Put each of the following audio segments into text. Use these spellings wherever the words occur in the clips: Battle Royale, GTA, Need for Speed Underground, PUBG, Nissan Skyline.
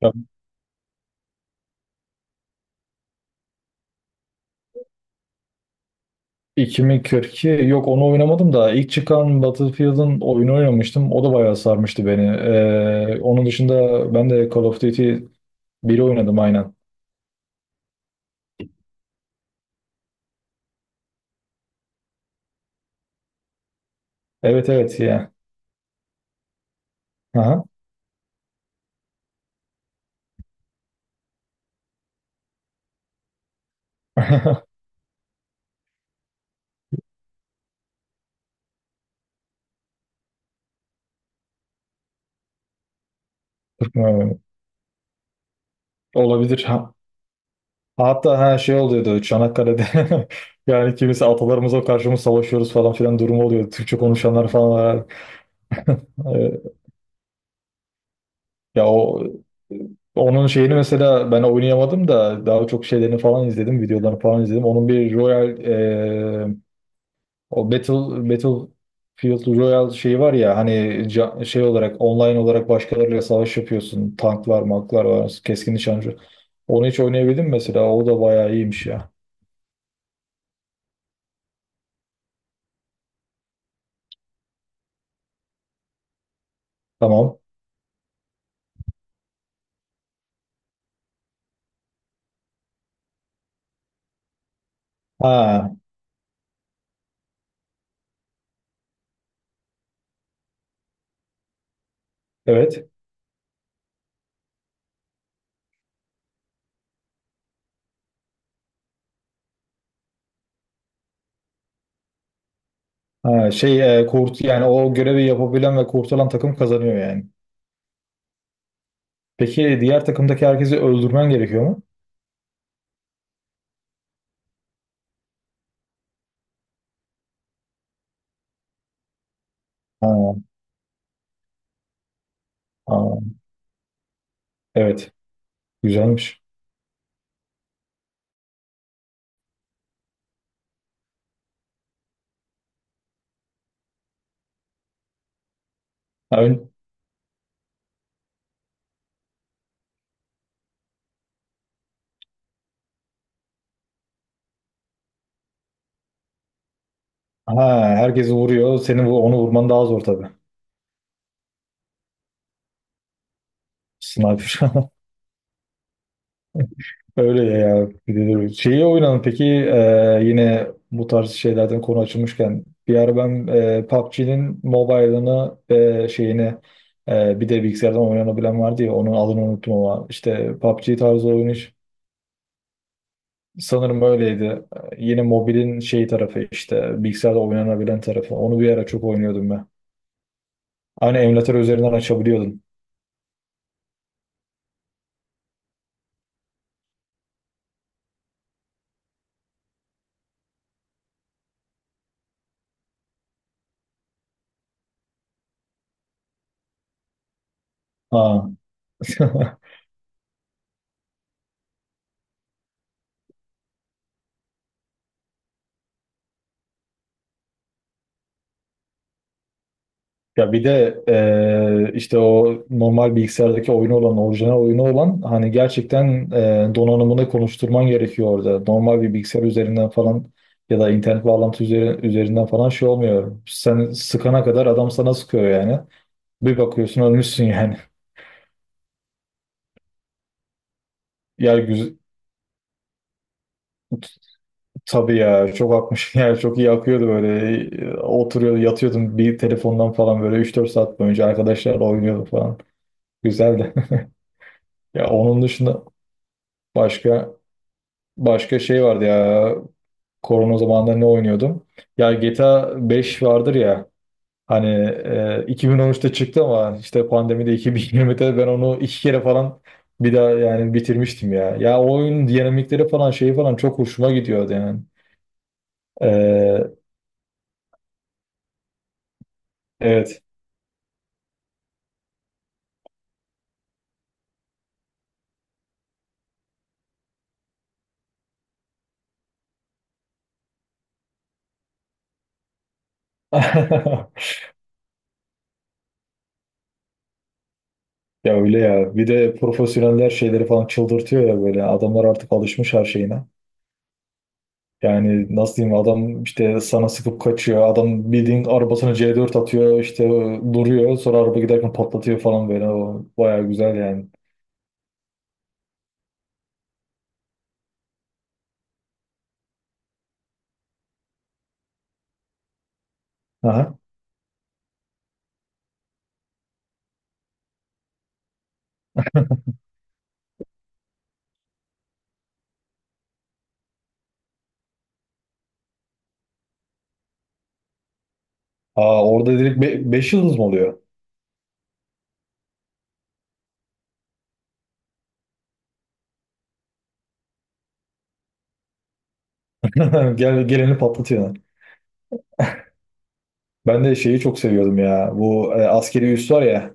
Ya 2042 yok onu oynamadım da ilk çıkan Battlefield'ın oyunu oynamıştım. O da bayağı sarmıştı beni. Onun dışında ben de Call of Duty 1'i oynadım aynen. Evet evet ya. Aha. Evet. Olabilir. Hatta her şey oluyordu Çanakkale'de. Yani kimisi atalarımıza karşı mı savaşıyoruz falan filan durumu oluyordu. Türkçe konuşanlar falan var. Ya onun şeyini mesela ben oynayamadım da daha çok şeylerini falan izledim, videolarını falan izledim. Onun bir Royal, o Battlefield Royal şeyi var ya hani şey olarak online olarak başkalarıyla savaş yapıyorsun. Tanklar, maklar var, keskin nişancı. Onu hiç oynayabildim mi mesela. O da bayağı iyiymiş ya. Tamam. Ha, evet. Ha, şey e, kurt yani o görevi yapabilen ve kurtulan takım kazanıyor yani. Peki diğer takımdaki herkesi öldürmen gerekiyor mu? Ha, ha, evet. Güzelmiş. Ha, ön- ha, herkesi vuruyor. Senin onu vurman daha zor tabii. Sniper. Öyle ya. Bir de dur. Şeyi oynadın peki, yine bu tarz şeylerden konu açılmışken bir ara ben PUBG'nin mobile'ını, şeyini, bir de bilgisayardan oynanabilen vardı ya, onun adını unuttum ama işte PUBG tarzı oyun. Sanırım öyleydi. Yine mobilin şey tarafı, işte bilgisayarda oynanabilen tarafı. Onu bir ara çok oynuyordum ben. Aynı emülatör üzerinden açabiliyordum. Ha. Ya bir de işte o normal bilgisayardaki oyunu olan, orijinal oyunu olan hani, gerçekten donanımını konuşturman gerekiyor orada. Normal bir bilgisayar üzerinden falan ya da internet bağlantı üzerinden falan şey olmuyor. Sen sıkana kadar adam sana sıkıyor yani. Bir bakıyorsun ölmüşsün yani. Yer Tabii ya, çok akmış, yani çok iyi akıyordu böyle. Oturuyordu yatıyordum, bir telefondan falan böyle üç dört saat boyunca arkadaşlarla oynuyordum falan, güzeldi. Ya onun dışında başka başka şey vardı ya, korona zamanında ne oynuyordum? Ya GTA 5 vardır ya hani, 2013'te çıktı ama işte pandemide 2020'de ben onu iki kere falan bir daha, yani bitirmiştim ya. Ya o oyunun dinamikleri falan, şeyi falan çok hoşuma gidiyordu yani. E, evet. Ya öyle ya. Bir de profesyoneller şeyleri falan çıldırtıyor ya böyle. Adamlar artık alışmış her şeyine. Yani nasıl diyeyim, adam işte sana sıkıp kaçıyor. Adam bildiğin arabasını C4 atıyor işte, duruyor. Sonra araba giderken patlatıyor falan böyle. O bayağı güzel yani. Aha. Aa, orada direkt beş yıldız mı oluyor? Geleni patlatıyor. Ben de şeyi çok seviyordum ya. Bu, askeri üs var ya.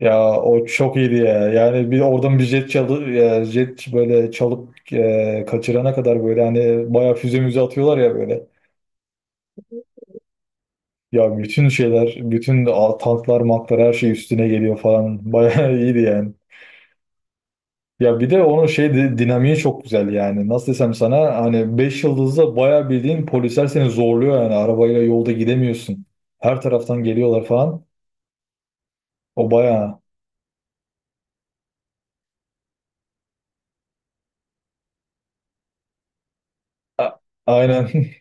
Ya o çok iyiydi ya. Yani bir oradan bir jet çalı ya jet böyle çalıp, kaçırana kadar böyle hani bayağı füze müze atıyorlar ya böyle. Ya bütün şeyler, tanklar, maklar, her şey üstüne geliyor falan. Bayağı iyiydi yani. Ya bir de onun şey dinamiği çok güzel yani. Nasıl desem sana, hani 5 yıldızda bayağı bildiğin polisler seni zorluyor yani. Arabayla yolda gidemiyorsun. Her taraftan geliyorlar falan. O bayağı. A- aynen.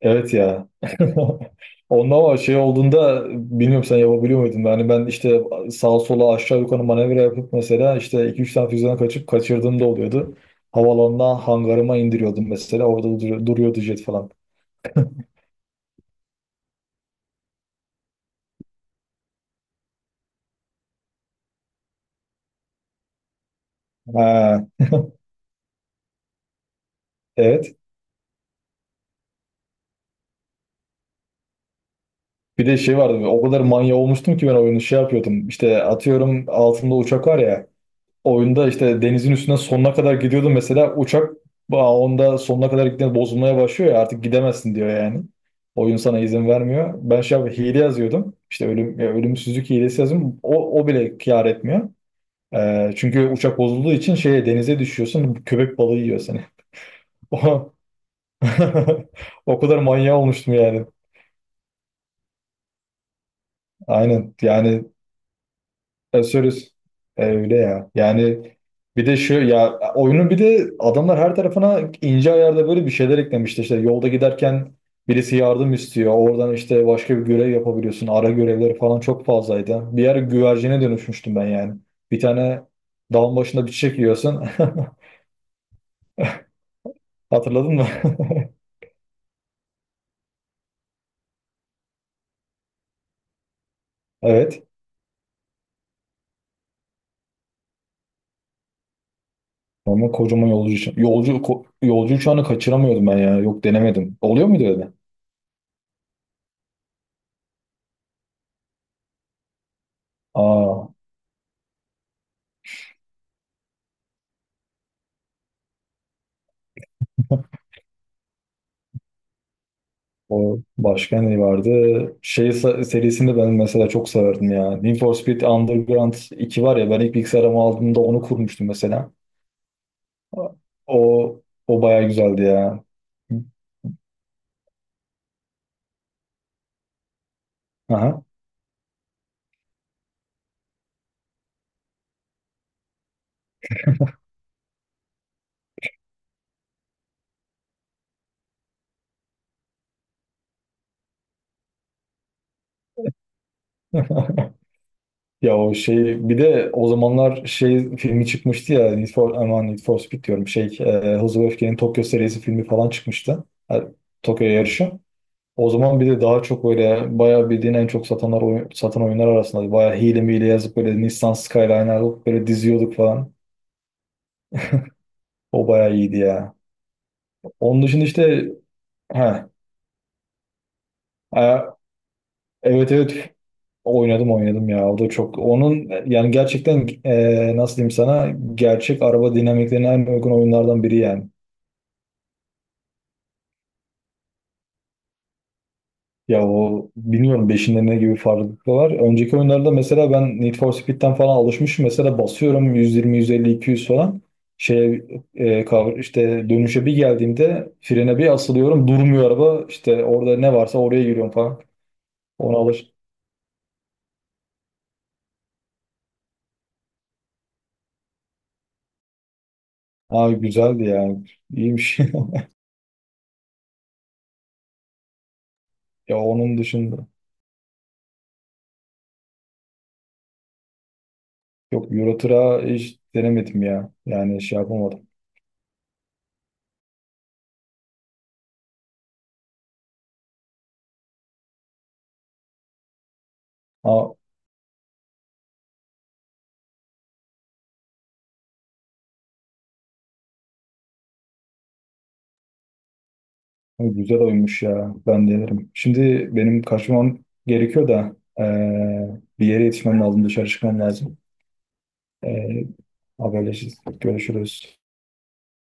Evet ya. Ondan ama şey olduğunda bilmiyorum, sen yapabiliyor muydun? Yani ben işte sağa sola, aşağı yukarı manevra yapıp mesela, işte iki üç tane füzeden kaçıp kaçırdığım da oluyordu. Havalandan hangarıma indiriyordum mesela. Orada duruyordu jet falan. Ha, evet. Bir de şey vardı. O kadar manya olmuştum ki ben oyunu şey yapıyordum. İşte atıyorum, altında uçak var ya. Oyunda işte denizin üstüne sonuna kadar gidiyordun mesela uçak onda sonuna kadar gittiğinde bozulmaya başlıyor ya, artık gidemezsin diyor yani. Oyun sana izin vermiyor. Ben şey hile yazıyordum. İşte ölümsüzlük hilesi yazıyorum. O bile kâr etmiyor. Çünkü uçak bozulduğu için şeye, denize düşüyorsun. Köpek balığı yiyor seni. O, o kadar manyağı olmuştum yani. Aynen yani. Asurus. Öyle ya. Yani bir de şu ya, oyunun bir de adamlar her tarafına ince ayarda böyle bir şeyler eklemişti. İşte yolda giderken birisi yardım istiyor. Oradan işte başka bir görev yapabiliyorsun. Ara görevleri falan çok fazlaydı. Bir yer güvercine dönüşmüştüm ben yani. Bir tane dağın başında bir çiçek yiyorsun. Hatırladın mı? Evet. Ama kocaman yolcu uçağı. Yolcu uçağını kaçıramıyordum ben ya. Yok, denemedim. Oluyor muydu öyle? Aa. O, başka ne vardı? Şey serisini ben mesela çok severdim ya. Need for Speed Underground 2 var ya, ben ilk bilgisayarımı aldığımda onu kurmuştum mesela. O o baya güzeldi ya. Aha. Ya o şey, bir de o zamanlar şey filmi çıkmıştı ya, Need for, aman, Need for Speed diyorum, şey, Hızlı ve Öfke'nin Tokyo serisi filmi falan çıkmıştı. Ha. Tokyo yarışı. O zaman bir de daha çok böyle bayağı bildiğin en çok satan oyunlar arasında, bayağı hile miyle yazıp böyle Nissan Skyline alıp böyle diziyorduk falan. O bayağı iyiydi ya. Onun dışında işte, ha, e, evet evet, oynadım oynadım ya. O da çok, onun yani gerçekten nasıl diyeyim sana, gerçek araba dinamiklerine en uygun oyunlardan biri yani. Ya o bilmiyorum, beşinde ne gibi farklılıklar var. Önceki oyunlarda mesela ben Need for Speed'den falan alışmışım. Mesela basıyorum 120, 150, 200 falan. Şeye, işte dönüşe bir geldiğimde frene bir asılıyorum. Durmuyor araba. İşte orada ne varsa oraya giriyorum falan. Ona alış. Ha, güzeldi yani. İyiymiş. Ya, onun dışında. Yok, Euro Truck'a hiç denemedim ya. Yani şey yapamadım. Ha. Ay, güzel oymuş ya. Ben denerim. Şimdi benim kaçmam gerekiyor da, bir yere yetişmem lazım. Dışarı çıkmam lazım. Eee Haberleşiriz. Görüşürüz.